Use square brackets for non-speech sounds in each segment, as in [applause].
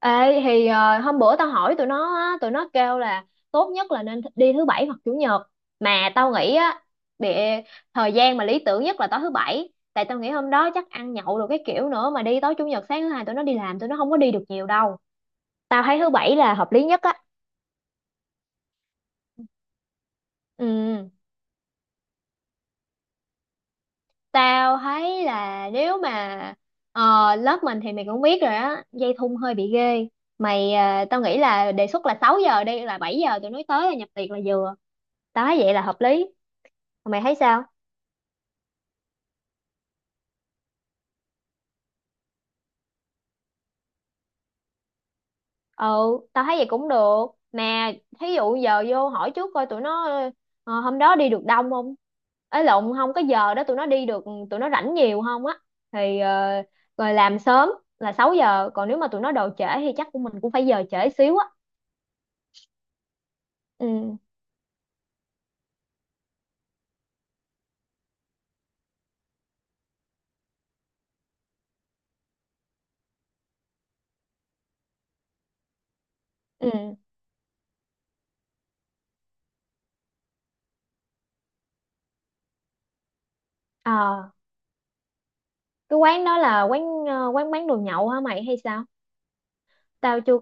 Ê, hôm bữa tao hỏi tụi nó á, tụi nó kêu là tốt nhất là nên đi thứ Bảy hoặc Chủ nhật. Mà tao nghĩ á, bị thời gian mà lý tưởng nhất là tối thứ Bảy, tại tao nghĩ hôm đó chắc ăn nhậu được cái kiểu nữa, mà đi tối Chủ nhật sáng thứ Hai tụi nó đi làm tụi nó không có đi được nhiều đâu. Tao thấy thứ Bảy là hợp lý nhất á. Ừ, tao thấy là nếu mà lớp mình thì mày cũng biết rồi á, dây thun hơi bị ghê. Tao nghĩ là đề xuất là 6 giờ đi, là 7 giờ tụi nó tới là nhập tiệc là vừa. Tao thấy vậy là hợp lý. Mày thấy sao? Ừ, tao thấy vậy cũng được. Mà thí dụ giờ vô hỏi trước coi tụi nó hôm đó đi được đông không, ấy lộn, không có giờ đó tụi nó đi được, tụi nó rảnh nhiều không á. thì ờ, rồi làm sớm là 6 giờ, còn nếu mà tụi nó đồ trễ thì chắc của mình cũng phải giờ trễ xíu á. Ừ. Ừ. Ờ, cái quán đó là quán quán bán đồ nhậu hả mày hay sao? Tao chưa.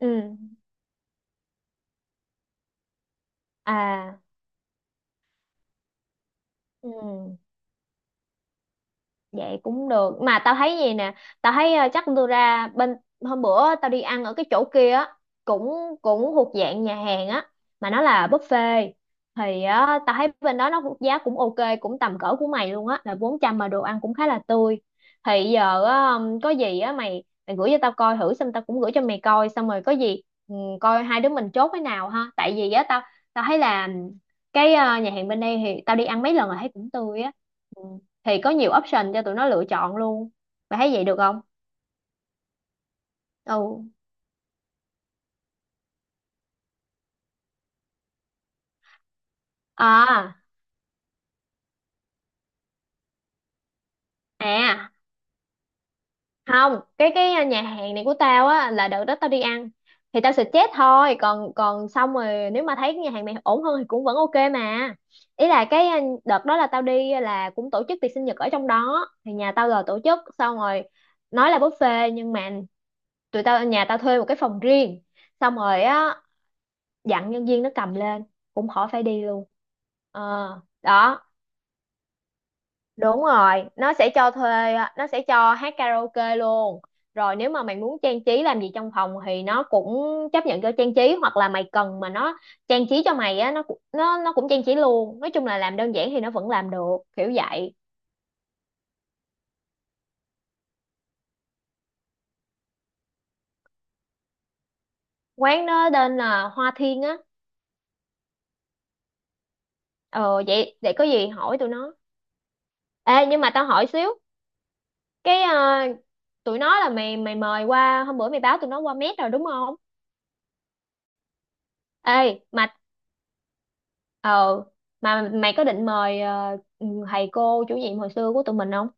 Ừ. À. Ừ. Vậy cũng được. Mà tao thấy gì nè. Tao thấy chắc tôi ra bên. Hôm bữa tao đi ăn ở cái chỗ kia á. Cũng cũng thuộc dạng nhà hàng á. Mà nó là buffet. Thì á, tao thấy bên đó nó giá cũng ok. Cũng tầm cỡ của mày luôn á. Là 400 mà đồ ăn cũng khá là tươi. Thì giờ á, có gì á mày, mày gửi cho tao coi thử. Xong tao cũng gửi cho mày coi. Xong rồi có gì ừ, coi hai đứa mình chốt cái nào ha. Tại vì á tao tao thấy là cái nhà hàng bên đây thì tao đi ăn mấy lần rồi thấy cũng tươi á. Ừ, thì có nhiều option cho tụi nó lựa chọn luôn. Bà thấy vậy được không? Ừ. À. À, không, cái nhà hàng này của tao á, là đợt đó tao đi ăn thì tao suggest thôi, còn còn xong rồi nếu mà thấy cái nhà hàng này ổn hơn thì cũng vẫn ok mà. Ý là cái đợt đó là tao đi là cũng tổ chức tiệc sinh nhật ở trong đó, thì nhà tao là tổ chức xong rồi, nói là buffet nhưng mà tụi tao nhà tao thuê một cái phòng riêng, xong rồi á dặn nhân viên nó cầm lên, cũng khỏi phải đi luôn. ờ Đó, đúng rồi, nó sẽ cho thuê, nó sẽ cho hát karaoke luôn. Rồi nếu mà mày muốn trang trí làm gì trong phòng thì nó cũng chấp nhận cho trang trí, hoặc là mày cần mà nó trang trí cho mày á, nó cũng trang trí luôn. Nói chung là làm đơn giản thì nó vẫn làm được kiểu vậy. Quán nó tên là Hoa Thiên á. Ờ, vậy để có gì hỏi tụi nó. Ê, nhưng mà tao hỏi xíu cái tụi nó là mày mày mời qua, hôm bữa mày báo tụi nó qua mét rồi đúng không? Ê, mà ờ mà mày có định mời thầy cô chủ nhiệm hồi xưa của tụi mình không?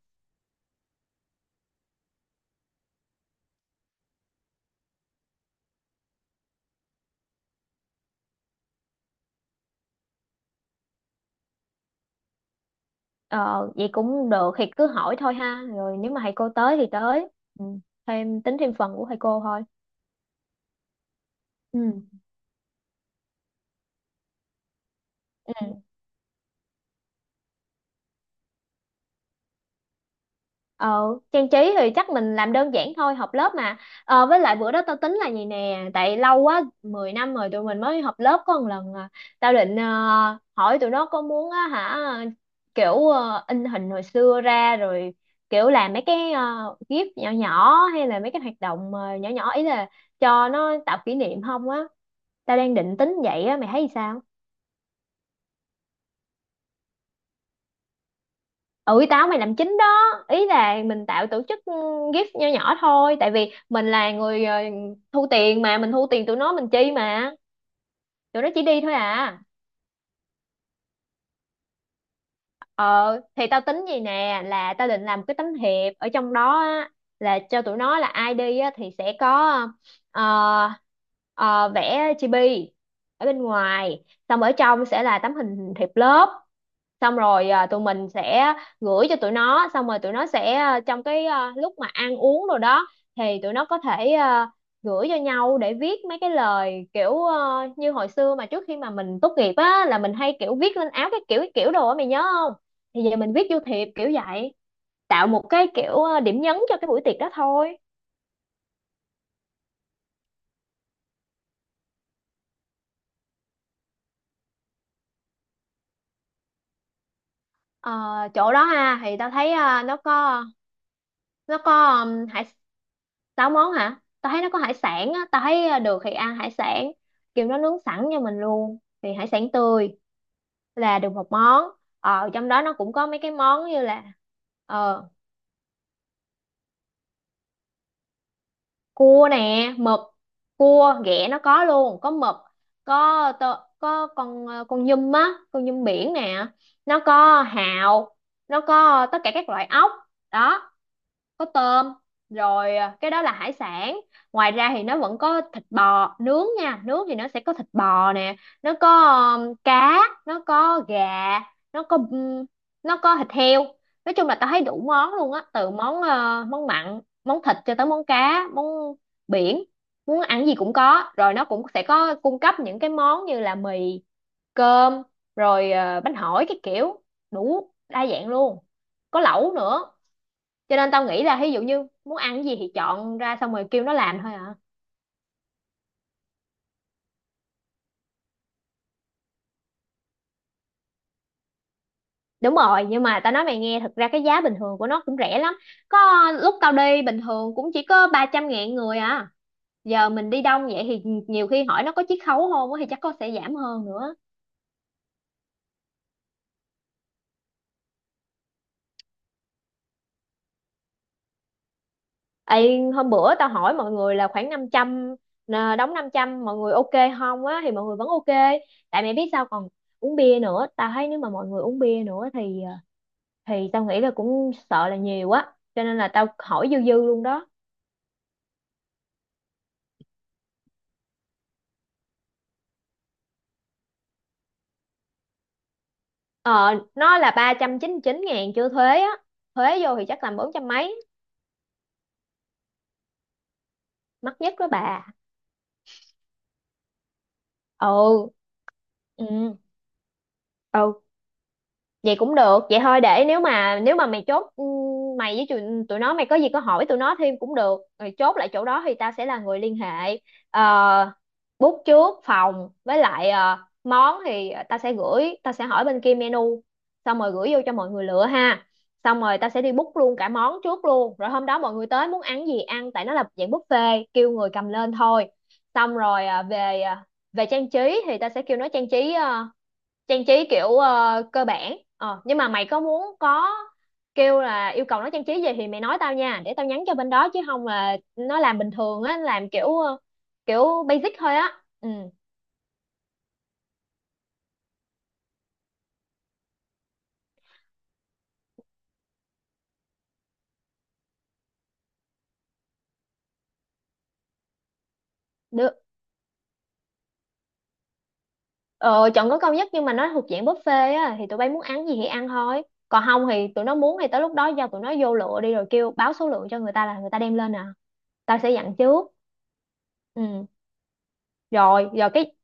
Ờ, vậy cũng được, thì cứ hỏi thôi ha. Rồi nếu mà thầy cô tới thì tới. Ừ. Thêm tính thêm phần của thầy cô thôi. Ừ. Ờ, trang trí thì chắc mình làm đơn giản thôi, họp lớp mà. Ờ, với lại bữa đó tao tính là gì nè, tại lâu quá 10 năm rồi tụi mình mới họp lớp có một lần à. Tao định hỏi tụi nó có muốn á hả, kiểu in hình hồi xưa ra, rồi kiểu làm mấy cái gif nhỏ nhỏ, hay là mấy cái hoạt động nhỏ nhỏ, ý là cho nó tạo kỷ niệm không á. Tao đang định tính vậy á, mày thấy sao? Ừ, mày làm chính đó. Ý là mình tạo tổ chức gift nho nhỏ thôi, tại vì mình là người thu tiền, mà mình thu tiền tụi nó mình chi, mà tụi nó chỉ đi thôi à. Ờ, thì tao tính gì nè, là tao định làm cái tấm thiệp ở trong đó á, là cho tụi nó là ai đi á, thì sẽ có ờ, ờ, vẽ chibi ở bên ngoài, xong ở trong sẽ là tấm hình thiệp lớp, xong rồi à, tụi mình sẽ gửi cho tụi nó, xong rồi tụi nó sẽ trong cái lúc mà ăn uống rồi đó thì tụi nó có thể gửi cho nhau để viết mấy cái lời kiểu như hồi xưa mà trước khi mà mình tốt nghiệp á, là mình hay kiểu viết lên áo cái kiểu đồ á mày nhớ. Thì giờ mình viết vô thiệp kiểu vậy, tạo một cái kiểu điểm nhấn cho cái buổi tiệc đó thôi. Ờ, chỗ đó ha thì tao thấy nó có hải sáu món hả, tao thấy nó có hải sản á, tao thấy được thì ăn hải sản, kiểu nó nướng sẵn cho mình luôn, thì hải sản tươi là được một món. Trong đó nó cũng có mấy cái món như là ờ cua nè, mực, cua ghẹ nó có luôn, có mực, có tơ, có con con nhum á, con nhum biển nè, nó có hàu, nó có tất cả các loại ốc đó, có tôm, rồi à, cái đó là hải sản. Ngoài ra thì nó vẫn có thịt bò nướng nha, nướng thì nó sẽ có thịt bò nè, nó có cá, nó có gà, nó có um, nó có thịt heo. Nói chung là tao thấy đủ món luôn á, từ món món mặn, món thịt, cho tới món cá, món biển, muốn ăn gì cũng có. Rồi nó cũng sẽ có cung cấp những cái món như là mì, cơm, rồi bánh hỏi cái kiểu, đủ đa dạng luôn, có lẩu nữa. Cho nên tao nghĩ là ví dụ như muốn ăn cái gì thì chọn ra, xong rồi kêu nó làm thôi à. Đúng rồi, nhưng mà tao nói mày nghe, thật ra cái giá bình thường của nó cũng rẻ lắm, có lúc tao đi bình thường cũng chỉ có 300 ngàn người à. Giờ mình đi đông vậy thì nhiều khi hỏi nó có chiết khấu không á, thì chắc có, sẽ giảm hơn nữa. Ê, hôm bữa tao hỏi mọi người là khoảng 500 nè, đóng 500 mọi người ok không á, thì mọi người vẫn ok. Tại mẹ biết sao, còn uống bia nữa, tao thấy nếu mà mọi người uống bia nữa thì thì tao nghĩ là cũng sợ là nhiều quá, cho nên là tao hỏi dư dư luôn đó. Ờ, nó là 399 ngàn chưa thuế á, thuế vô thì chắc là bốn trăm mấy. Mắc nhất đó bà. Ừ. Ừ. Ừ, vậy cũng được, vậy thôi để nếu mà mày chốt mày với tụi nó, mày có gì có hỏi tụi nó thêm cũng được, rồi chốt lại chỗ đó thì tao sẽ là người liên hệ. Ờ, book trước phòng, với lại món thì tao sẽ gửi, tao sẽ hỏi bên kia menu, xong rồi gửi vô cho mọi người lựa ha. Xong rồi tao sẽ đi book luôn cả món trước luôn, rồi hôm đó mọi người tới muốn ăn gì ăn, tại nó là dạng buffet, kêu người cầm lên thôi. Xong rồi về trang trí thì ta sẽ kêu nó trang trí trang trí kiểu cơ bản. Ờ, nhưng mà mày có muốn có kêu là yêu cầu nó trang trí gì thì mày nói tao nha, để tao nhắn cho bên đó, chứ không là nó làm bình thường á, làm kiểu kiểu basic thôi á. Ừ. Được. Ờ, chọn có cao nhất, nhưng mà nó thuộc dạng buffet á, thì tụi bay muốn ăn gì thì ăn thôi, còn không thì tụi nó muốn thì tới lúc đó cho tụi nó vô lựa đi, rồi kêu báo số lượng cho người ta là người ta đem lên à. Tao sẽ dặn trước. Ừ. Rồi, rồi cái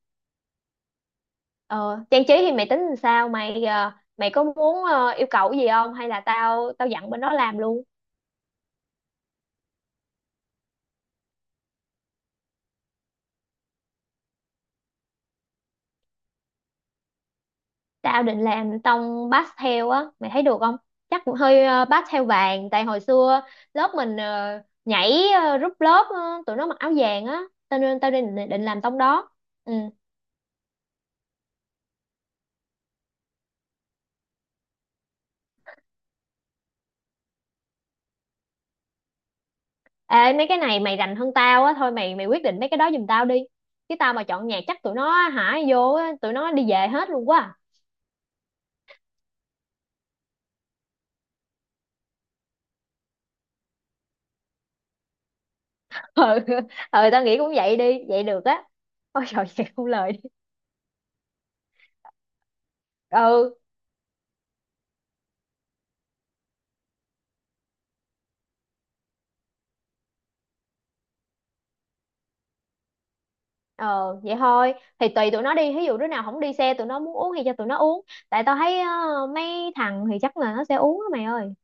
ờ, trang trí thì mày tính làm sao, mày có muốn yêu cầu gì không, hay là tao tao dặn bên đó làm luôn? Tao định làm tông pastel á, mày thấy được không? Chắc cũng hơi pastel vàng, tại hồi xưa lớp mình rút lớp tụi nó mặc áo vàng á, cho nên tao định định làm tông đó. Ừ. Ê, mấy cái này mày rành hơn tao á, thôi mày mày quyết định mấy cái đó giùm tao đi, chứ tao mà chọn nhạc chắc tụi nó hả vô á, tụi nó đi về hết luôn quá à. ờ [laughs] ờ, tao nghĩ cũng vậy đi, vậy được á. Ôi trời [laughs] vậy không lời đi. Ừ. Ờ, vậy thôi thì tùy tụi nó đi, ví dụ đứa nào không đi xe tụi nó muốn uống thì cho tụi nó uống, tại tao thấy mấy thằng thì chắc là nó sẽ uống á mày ơi.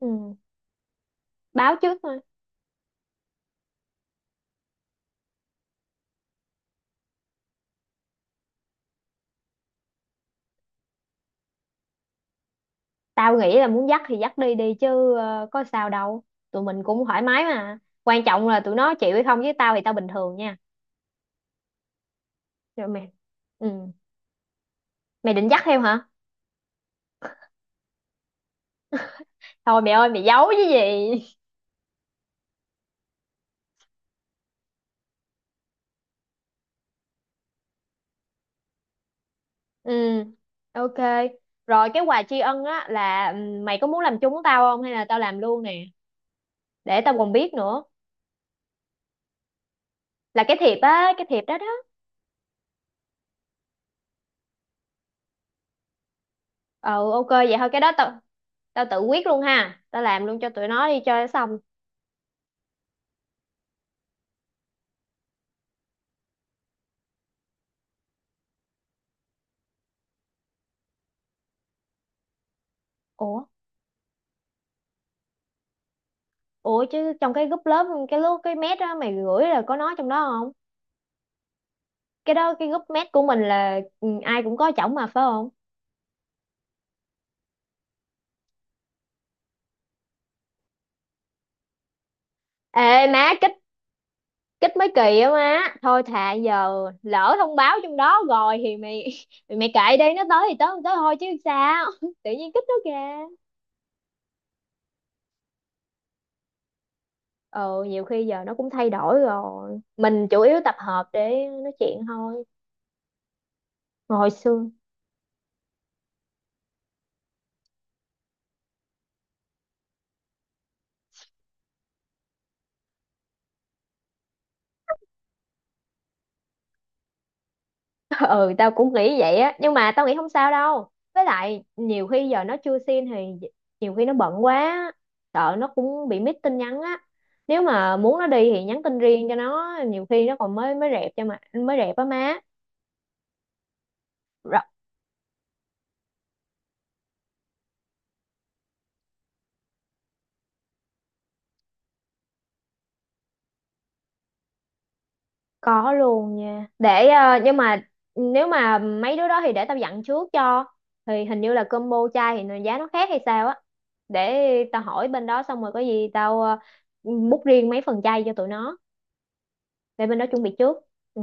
Ừ. Báo trước thôi. Tao nghĩ là muốn dắt thì dắt đi đi, chứ có sao đâu, tụi mình cũng thoải mái mà. Quan trọng là tụi nó chịu hay không, với tao thì tao bình thường nha. Rồi mày. Ừ, mày định dắt theo hả? Thôi mày ơi, mày giấu chứ gì. Ừ, ok. Rồi cái quà tri ân á, là mày có muốn làm chung với tao không, hay là tao làm luôn nè, để tao còn biết nữa. Là cái thiệp á, cái thiệp đó đó. Ừ, ok vậy thôi, cái đó tao tao tự quyết luôn ha. Tao làm luôn cho tụi nó đi cho xong. Ủa, ủa chứ trong cái group lớp cái lúc cái mét á mày gửi là có nói trong đó không? Cái đó cái group mét của mình là ừ, ai cũng có chổng mà phải không? Ê má, kích kích mấy kỳ á má, thôi thà giờ lỡ thông báo trong đó rồi thì mày [laughs] thì mày kệ đi, nó tới thì tới không tới thôi chứ sao [laughs] tự nhiên kích nó kìa. Ừ, nhiều khi giờ nó cũng thay đổi rồi, mình chủ yếu tập hợp để nói chuyện thôi. Hồi xưa. [laughs] Ừ, tao cũng nghĩ vậy á, nhưng mà tao nghĩ không sao đâu, với lại nhiều khi giờ nó chưa xin thì nhiều khi nó bận quá, sợ nó cũng bị miss tin nhắn á. Nếu mà muốn nó đi thì nhắn tin riêng cho nó, nhiều khi nó còn mới mới rẹp cho, mà mới rẹp á má. Có luôn nha. Để ờ, nhưng mà nếu mà mấy đứa đó thì để tao dặn trước cho. Thì hình như là combo chai thì giá nó khác hay sao á. Để tao hỏi bên đó, xong rồi có gì tao book riêng mấy phần chai cho tụi nó để bên đó chuẩn bị trước. Ừ.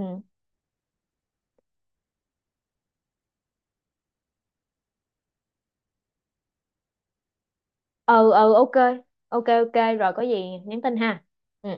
Ừ, ok. Ok, rồi có gì nhắn tin ha. Ừ.